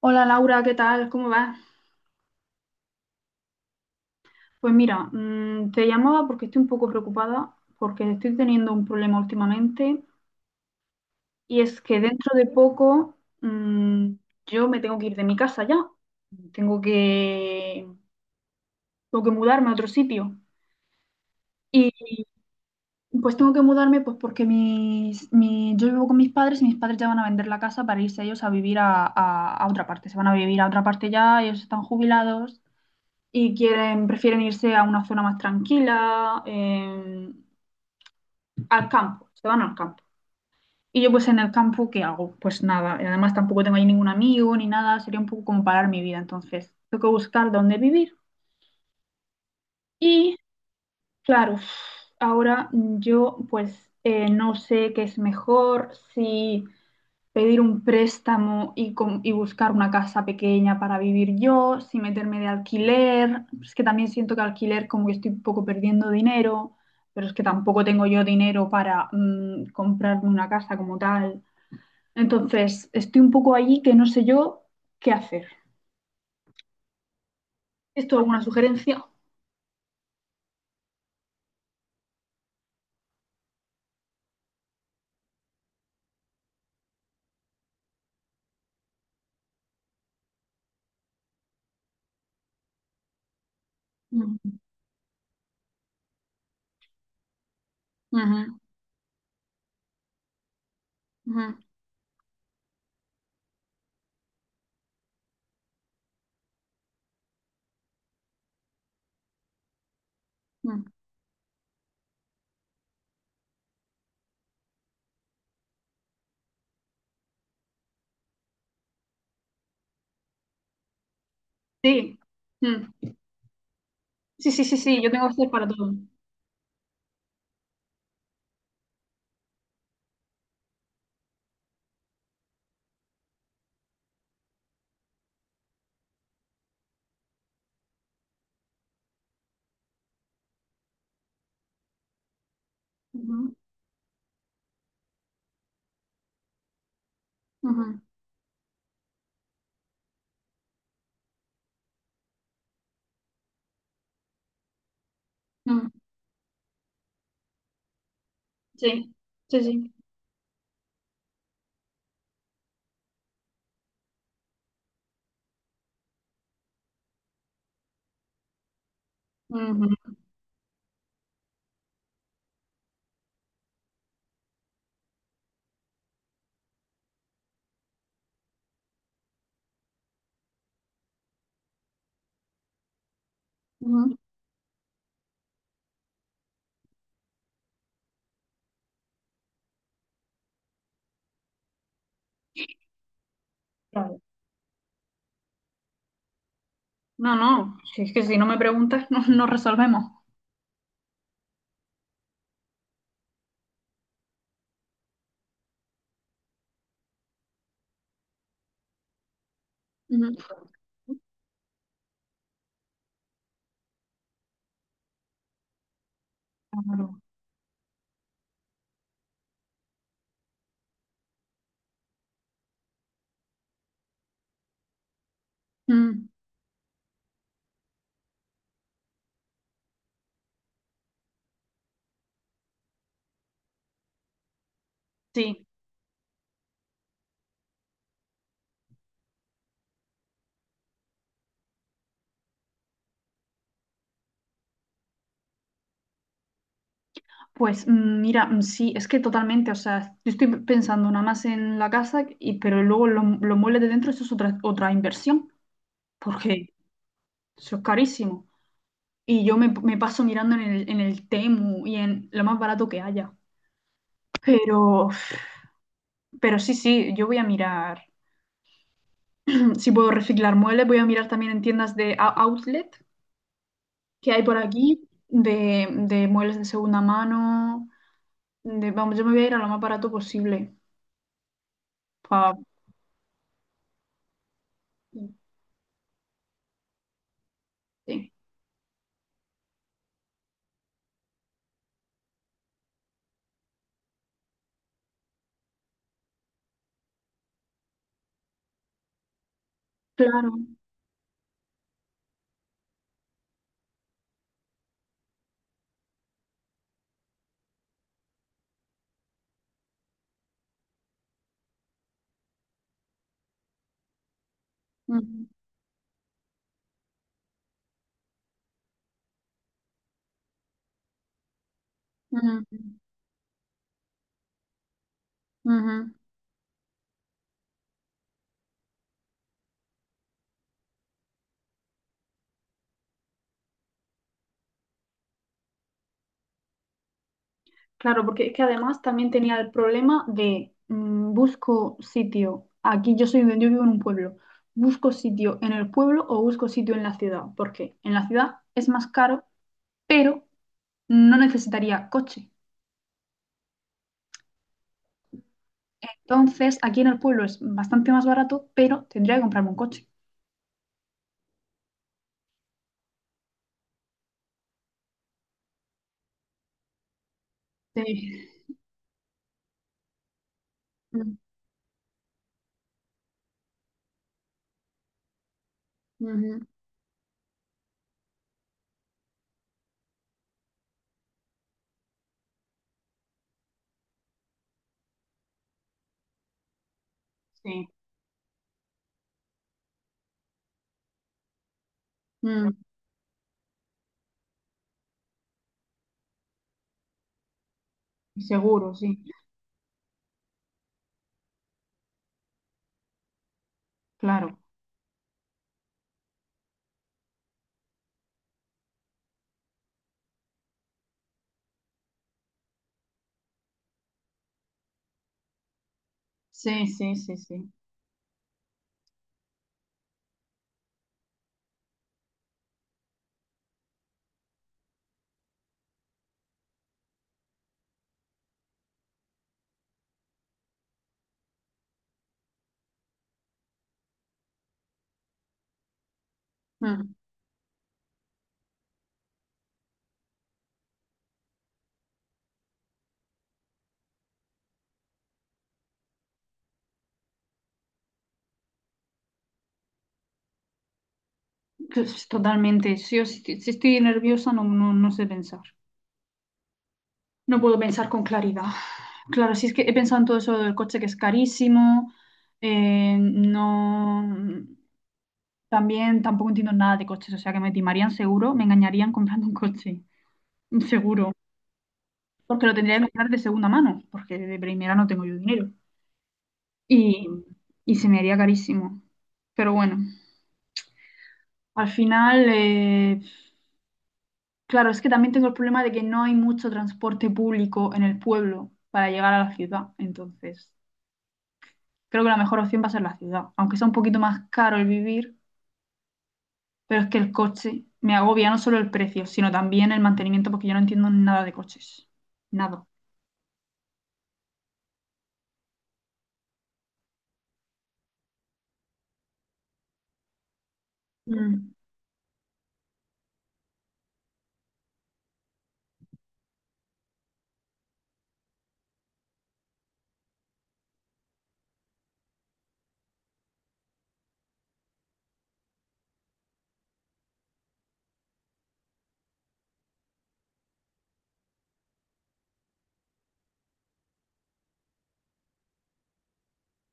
Hola Laura, ¿qué tal? ¿Cómo vas? Pues mira, te llamaba porque estoy un poco preocupada porque estoy teniendo un problema últimamente y es que dentro de poco mm, yo me tengo que ir de mi casa ya, tengo que, tengo que mudarme a otro sitio y pues tengo que mudarme pues porque yo vivo con mis padres y mis padres ya van a vender la casa para irse ellos a vivir a otra parte. Se van a vivir a otra parte ya, ellos están jubilados. Y prefieren irse a una zona más tranquila, al campo, se van al campo. Y yo pues en el campo, ¿qué hago? Pues nada, además tampoco tengo ahí ningún amigo ni nada, sería un poco como parar mi vida, entonces tengo que buscar dónde vivir. Y claro, ahora yo pues no sé qué es mejor, si pedir un préstamo y y buscar una casa pequeña para vivir yo, si meterme de alquiler. Es que también siento que alquiler como que estoy un poco perdiendo dinero, pero es que tampoco tengo yo dinero para comprarme una casa como tal. Entonces, estoy un poco allí que no sé yo qué hacer. ¿Esto alguna sugerencia? Ujú, ujú, ujú, ujú. Sí. Mm. Sí, sí, sí, sí, yo tengo hacer para todo. Ujú, ujú, mm. Sí, sí, sí. Ujú. Claro. No, no, si es que si no me preguntas, no, no resolvemos. Ujú. Claro. Mm, sí, pues mira, sí, es que totalmente, o sea, yo estoy pensando nada más en la casa, pero luego los muebles de dentro, eso es otra, otra inversión, porque eso es carísimo. Y me paso mirando en en el Temu y en lo más barato que haya. Pero, pero sí, sí, yo voy a mirar, si puedo reciclar muebles, voy a mirar también en tiendas de outlet, que hay por aquí de muebles de segunda mano. Vamos, yo me voy a ir a lo más barato posible. pa- sí, claro. Ujú, ujú, ujú. Claro, porque es que además también tenía el problema de busco sitio. Aquí yo soy, yo vivo en un pueblo. ¿Busco sitio en el pueblo o busco sitio en la ciudad? Porque en la ciudad es más caro, pero no necesitaría coche. Entonces, aquí en el pueblo es bastante más barato, pero tendría que comprarme un coche. Sí. Mm, ujú, sí, mm, seguro, sí, claro. Sí, sí, sí, sí. Mm. Pues, totalmente. Si, si estoy nerviosa, no, no, no sé pensar. No puedo pensar con claridad. Claro, si es que he pensado en todo eso del coche que es carísimo. No. También tampoco entiendo nada de coches, o sea que me timarían seguro, me engañarían comprando un coche, seguro. Porque lo tendría que comprar de segunda mano, porque de primera no tengo yo dinero. y, y se me haría carísimo. Pero bueno, al final, claro, es que también tengo el problema de que no hay mucho transporte público en el pueblo para llegar a la ciudad. Entonces, creo que la mejor opción va a ser la ciudad, aunque sea un poquito más caro el vivir, pero es que el coche me agobia no solo el precio, sino también el mantenimiento, porque yo no entiendo nada de coches. Nada. Mm,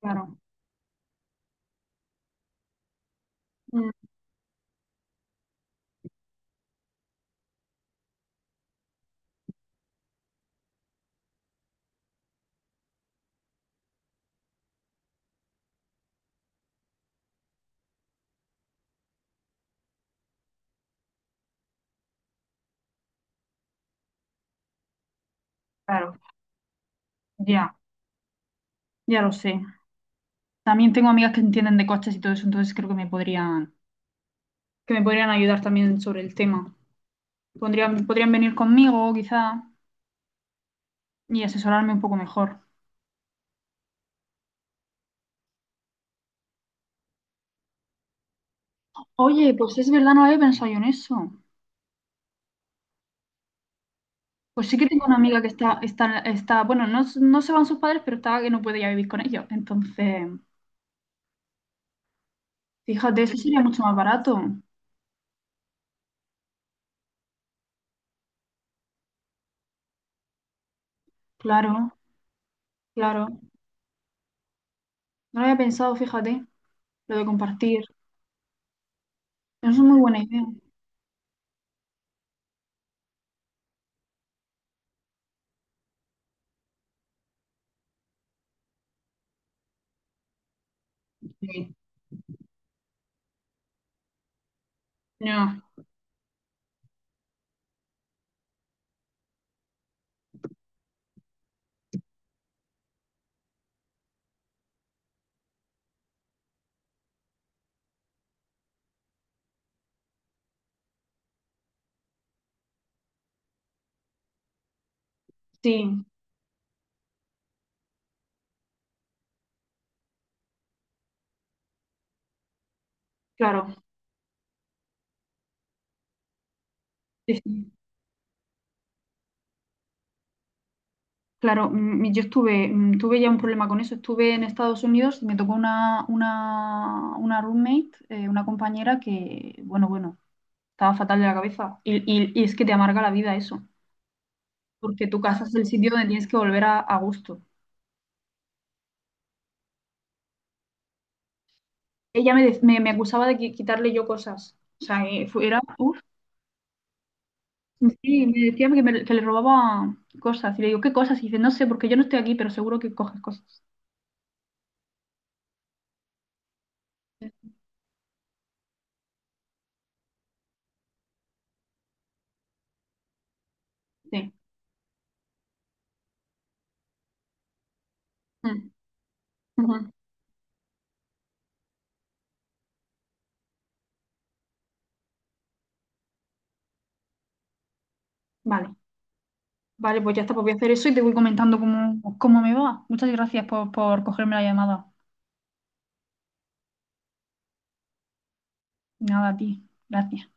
claro, mm, claro, ya, ya lo sé. También tengo amigas que entienden de coches y todo eso, entonces creo que me podrían ayudar también sobre el tema. Podrían venir conmigo, quizá, y asesorarme un poco mejor. Oye, pues es verdad, no había pensado yo en eso. Pues sí que tengo una amiga que está, bueno, no, no se van sus padres, pero está que no puede ya vivir con ellos. Entonces, fíjate, eso sería mucho más barato. Claro, claro. No lo había pensado, fíjate, lo de compartir. Es una muy buena idea. Sí. No, sí, claro. Sí, sí. Claro, tuve ya un problema con eso. Estuve en Estados Unidos y me tocó una roommate, una compañera que, bueno, bueno, estaba fatal de la cabeza. Y es que te amarga la vida eso, porque tu casa es el sitio donde tienes que volver a gusto. Ella me, dec- me acusaba de quitarle yo cosas. O sea, era, uf, sí, sí, me decía que le robaba cosas. Y le digo, ¿qué cosas? Y dice, no sé, porque yo no estoy aquí, pero seguro que coges cosas. Sí. Mm, ujú. Vale. Vale, pues ya está, pues voy a hacer eso y te voy comentando cómo me va. Muchas gracias por cogerme la llamada. Nada, a ti. Gracias.